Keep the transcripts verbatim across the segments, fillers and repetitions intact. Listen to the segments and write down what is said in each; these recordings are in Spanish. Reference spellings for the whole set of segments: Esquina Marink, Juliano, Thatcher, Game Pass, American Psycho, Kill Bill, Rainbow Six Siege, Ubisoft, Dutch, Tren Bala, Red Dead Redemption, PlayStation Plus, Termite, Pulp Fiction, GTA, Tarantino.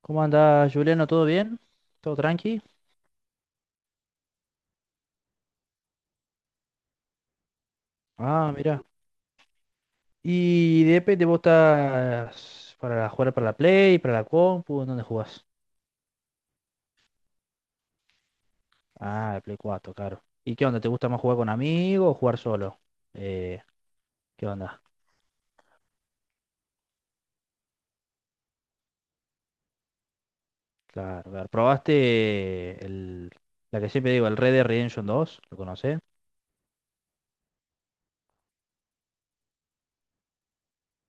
¿Cómo andás, Juliano? ¿Todo bien? ¿Todo tranqui? Ah, mira. ¿Y de P te vos estás para jugar para la Play, para la compu? ¿En ¿Dónde jugás? Ah, el Play cuatro, claro. ¿Y qué onda? ¿Te gusta más jugar con amigos o jugar solo? Eh, ¿Qué onda? Claro, claro. ¿Probaste el, la que siempre digo, el Red Dead Redemption dos? ¿Lo conocés?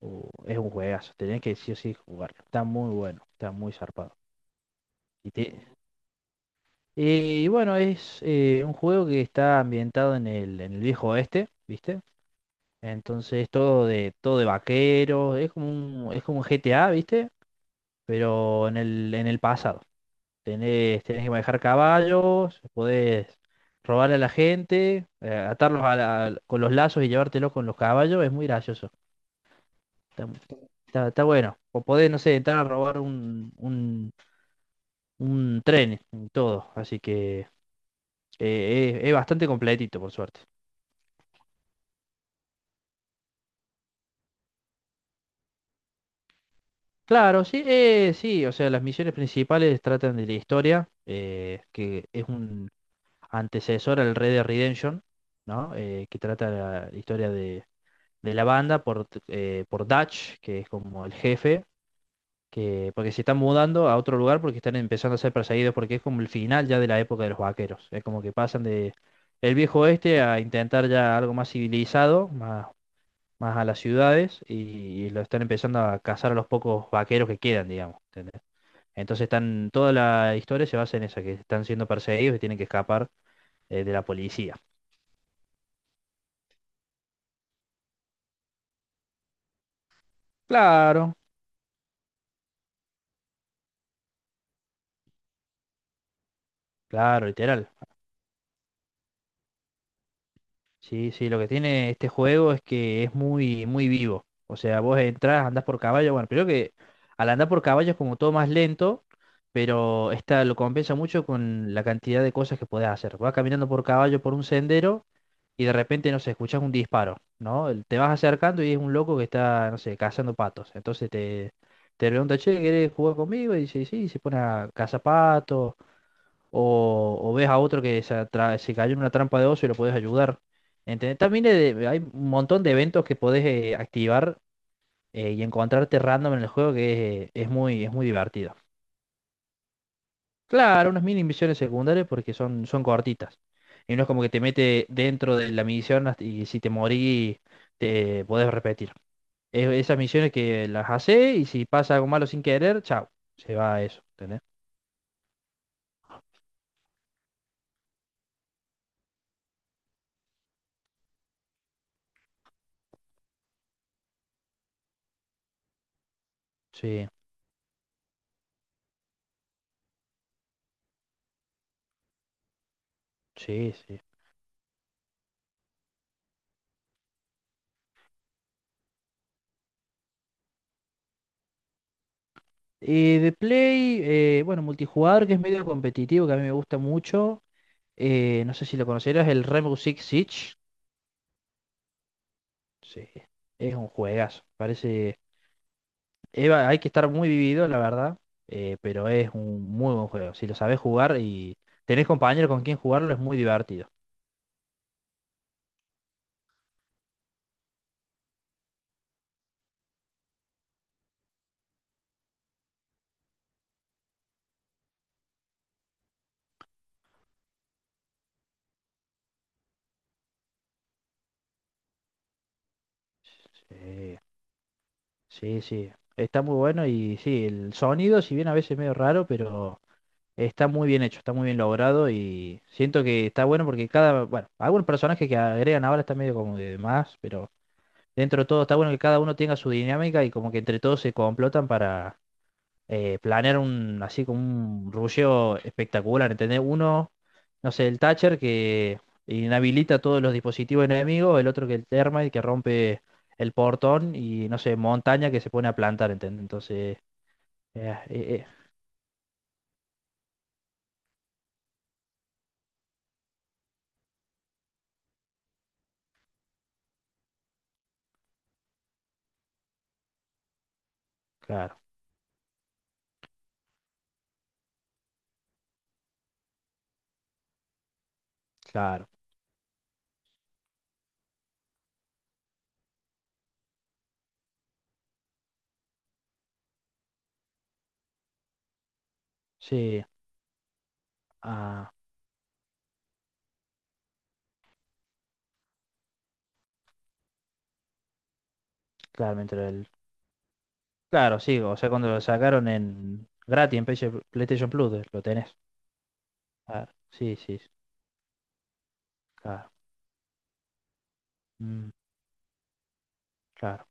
Uh, es un juegazo, tenés que sí o sí jugarlo. Está muy bueno, está muy zarpado. Y te, Eh, y bueno, es eh, un juego que está ambientado en el, en el viejo oeste, ¿viste? Entonces todo de, todo de vaqueros, es como un, es como un G T A, ¿viste? Pero en el, en el pasado. Tenés, tenés que manejar caballos, podés robarle a la gente, eh, atarlos a la- con los lazos y llevártelos con los caballos, es muy gracioso. Está, está- está bueno. O podés, no sé, entrar a robar un, un, un tren, todo. Así que eh, es es bastante completito, por suerte. Claro, sí, eh, sí, o sea, las misiones principales tratan de la historia, eh, que es un antecesor al Red Dead Redemption, ¿no? Eh, que trata la historia de, de la banda por, eh, por Dutch, que es como el jefe, que porque se están mudando a otro lugar porque están empezando a ser perseguidos, porque es como el final ya de la época de los vaqueros, es como que pasan de el viejo oeste a intentar ya algo más civilizado, más, más a las ciudades, y, y lo están empezando a cazar a los pocos vaqueros que quedan, digamos. ¿Entendés? Entonces están, toda la historia se basa en eso, que están siendo perseguidos y tienen que escapar eh, de la policía. Claro, claro, literal. Sí, sí, lo que tiene este juego es que es muy, muy vivo. O sea, vos entras, andás por caballo, bueno, creo que al andar por caballo es como todo más lento, pero esta lo compensa mucho con la cantidad de cosas que podés hacer. Vas caminando por caballo por un sendero y de repente, no sé, escuchas un disparo, ¿no? El- Te vas acercando y es un loco que está, no sé, cazando patos. Entonces te, te pregunta, che, ¿querés jugar conmigo? Y dice, sí, y se pone a cazar patos. O, o ves a otro que se, atra- se cayó en una trampa de oso y lo podés ayudar. ¿Entendés? También eh, de- hay un montón de eventos que podés eh, activar eh, y encontrarte random en el juego que es, eh, es muy, es muy divertido. Claro, unas mini misiones secundarias porque son, son cortitas. Y no es como que te mete dentro de la misión hasta- y si te morís te podés repetir. E- esas misiones que las hace y si pasa algo malo sin querer, chao, se va a eso, ¿entendés? Sí, sí, sí. Y de Play, eh, bueno, multijugador que es medio competitivo, que a mí me gusta mucho. Eh, no sé si lo conocerás, el Rainbow Six Siege. Sí, es un juegazo. Parece Eva, hay que estar muy vivido, la verdad, eh, pero es un muy buen juego. Si lo sabes jugar y tenés compañeros con quien jugarlo, es muy divertido. Sí, sí, sí. Está muy bueno y sí, el sonido, si bien a veces es medio raro, pero está muy bien hecho, está muy bien logrado y siento que está bueno porque cada, bueno, algunos personajes que agregan ahora está medio como de más, pero dentro de todo está bueno que cada uno tenga su dinámica y como que entre todos se complotan para... eh, planear un, así como un rusheo espectacular, ¿entendés? Uno, no sé, el Thatcher que inhabilita todos los dispositivos enemigos, el otro que el Termite que rompe el portón y, no sé, montaña que se pone a plantar, ¿entendés? Entonces, eh, eh, eh, claro, claro, sí, ah, claro, mientras el... Claro, sí, o sea, cuando lo sacaron en gratis en P S- PlayStation Plus, eh, lo tenés. Claro, sí, sí, sí, claro, mm, claro,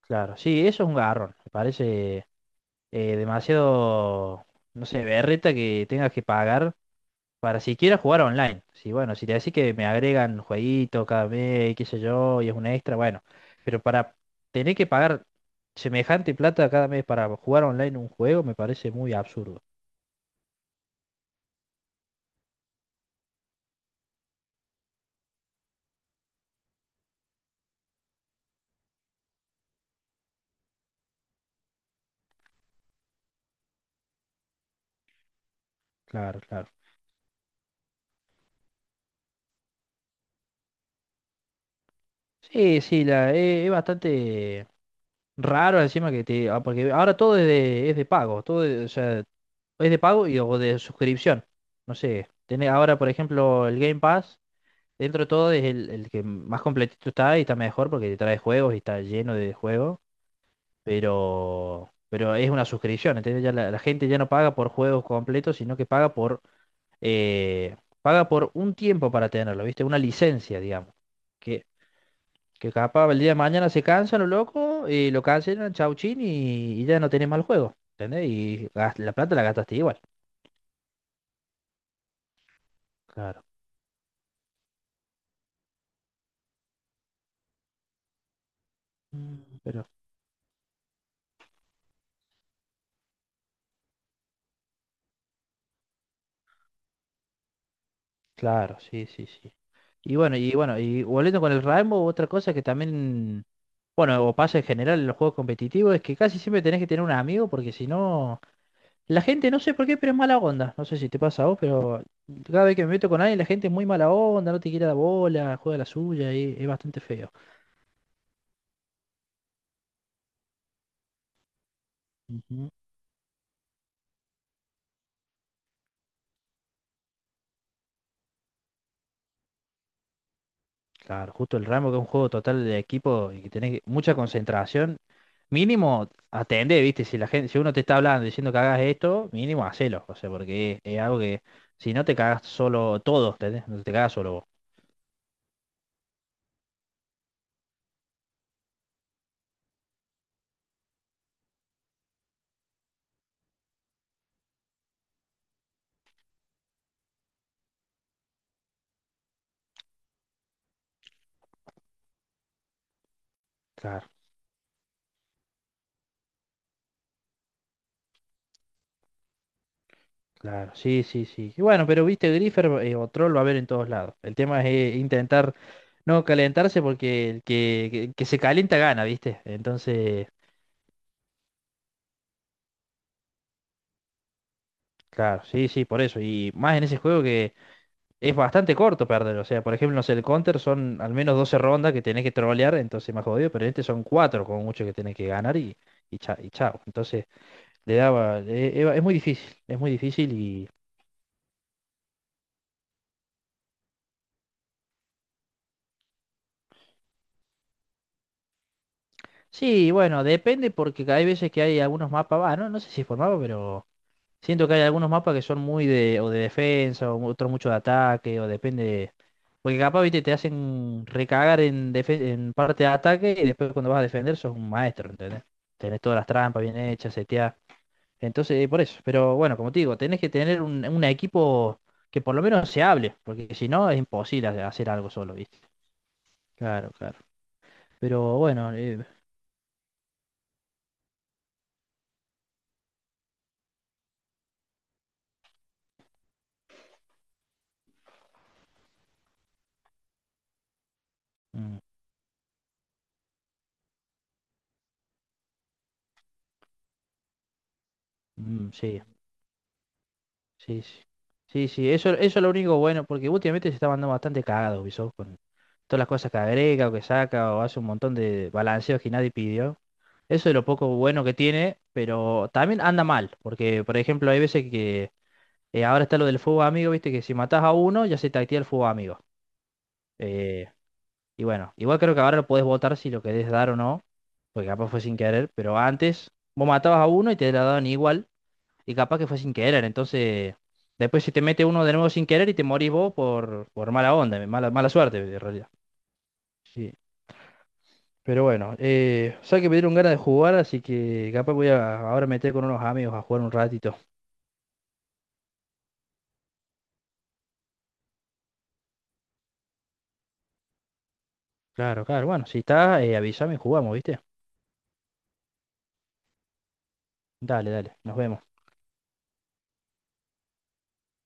claro. Sí, eso es un garrón, me parece eh, demasiado, no sé, berreta que tengas que pagar para siquiera jugar online. Sí, bueno, si te decís que me agregan jueguito cada mes, qué sé yo, y es una extra, bueno, pero para tener que pagar semejante plata cada mes para jugar online un juego me parece muy absurdo. Claro, claro. Sí, sí, la, eh, es bastante raro encima que te... ah, porque ahora todo es de, es de pago, todo es, o sea, es de pago y, o de suscripción. No sé, tenés ahora por ejemplo el Game Pass dentro de todo es el, el que más completito está y está mejor porque te trae juegos y está lleno de juegos, pero, pero es una suscripción, ¿entendés? Ya la, la gente ya no paga por juegos completos, sino que paga por, eh, paga por un tiempo para tenerlo, ¿viste? Una licencia, digamos. Que, que capaz el día de mañana se cansan los locos, y lo cancelan, chau chin, y, y ya no tenés más el juego, ¿entendés? Y gas- la plata la gastaste igual. Claro. Mm, pero claro, sí, sí, sí. Y bueno, y bueno, y volviendo con el Rainbow, otra cosa que también, bueno, o pasa en general en los juegos competitivos, es que casi siempre tenés que tener un amigo, porque si no, la gente, no sé por qué, pero es mala onda. No sé si te pasa a vos, pero cada vez que me meto con alguien, la gente es muy mala onda, no te quiere la bola, juega la suya, y es bastante feo. Ujú. Claro, justo el Rainbow, que es un juego total de equipo y que tenés que- mucha concentración. Mínimo atendé, ¿viste? Si la gente, si uno te está hablando diciendo que hagas esto, mínimo hacelo. O sea, porque es, es algo que si no te cagas solo todos, ¿entendés? No te cagas solo vos. Claro, claro. Sí, sí, sí. Y bueno, pero viste, Griffer eh, o Troll va a haber en todos lados. El tema es eh, intentar no calentarse porque el que, que, que se calienta gana, ¿viste? Entonces, claro, sí, sí, por eso. Y más en ese juego que es bastante corto perder. O sea, por ejemplo, no sé, el Counter son al menos doce rondas que tenés que trolear, entonces más jodido, pero en este son cuatro como mucho que tenés que ganar y, y, cha- y chao. Entonces, le daba. E- e- es muy difícil, es muy difícil y. Sí, bueno, depende porque hay veces que hay algunos mapas, va, no, no sé si es por mapa, pero siento que hay algunos mapas que son muy de, o de defensa, o otros mucho de ataque, o depende. de- Porque capaz, viste, te hacen recagar en, defe- en parte de ataque y después cuando vas a defender sos un maestro, ¿entendés? Tenés todas las trampas bien hechas, seteadas. Entonces, eh, por eso. Pero bueno, como te digo, tenés que tener un, un equipo que por lo menos se hable, porque si no es imposible hacer algo solo, ¿viste? Claro, claro. Pero bueno, eh, mm, mm, sí. Sí, sí. Sí, sí, eso, eso es lo único bueno, porque últimamente se está mandando bastante cagado Ubisoft con todas las cosas que agrega o que saca o hace un montón de balanceos que nadie pidió. Eso es lo poco bueno que tiene, pero también anda mal, porque por ejemplo hay veces que eh, ahora está lo del fuego amigo, viste que si matás a uno ya se te activa el fuego amigo. Eh, y bueno, igual creo que ahora lo podés votar si lo querés dar o no, porque capaz fue sin querer, pero antes vos matabas a uno y te la daban igual. Y capaz que fue sin querer. Entonces, después si te mete uno de nuevo sin querer y te morís vos por, por mala onda, mala, mala suerte en realidad. Sí. Pero bueno, eh, sabes que me dieron ganas de jugar, así que capaz voy a ahora meter con unos amigos a jugar un ratito. Claro, claro. Bueno, si está, eh, avísame y jugamos, ¿viste? Dale, dale. Nos vemos.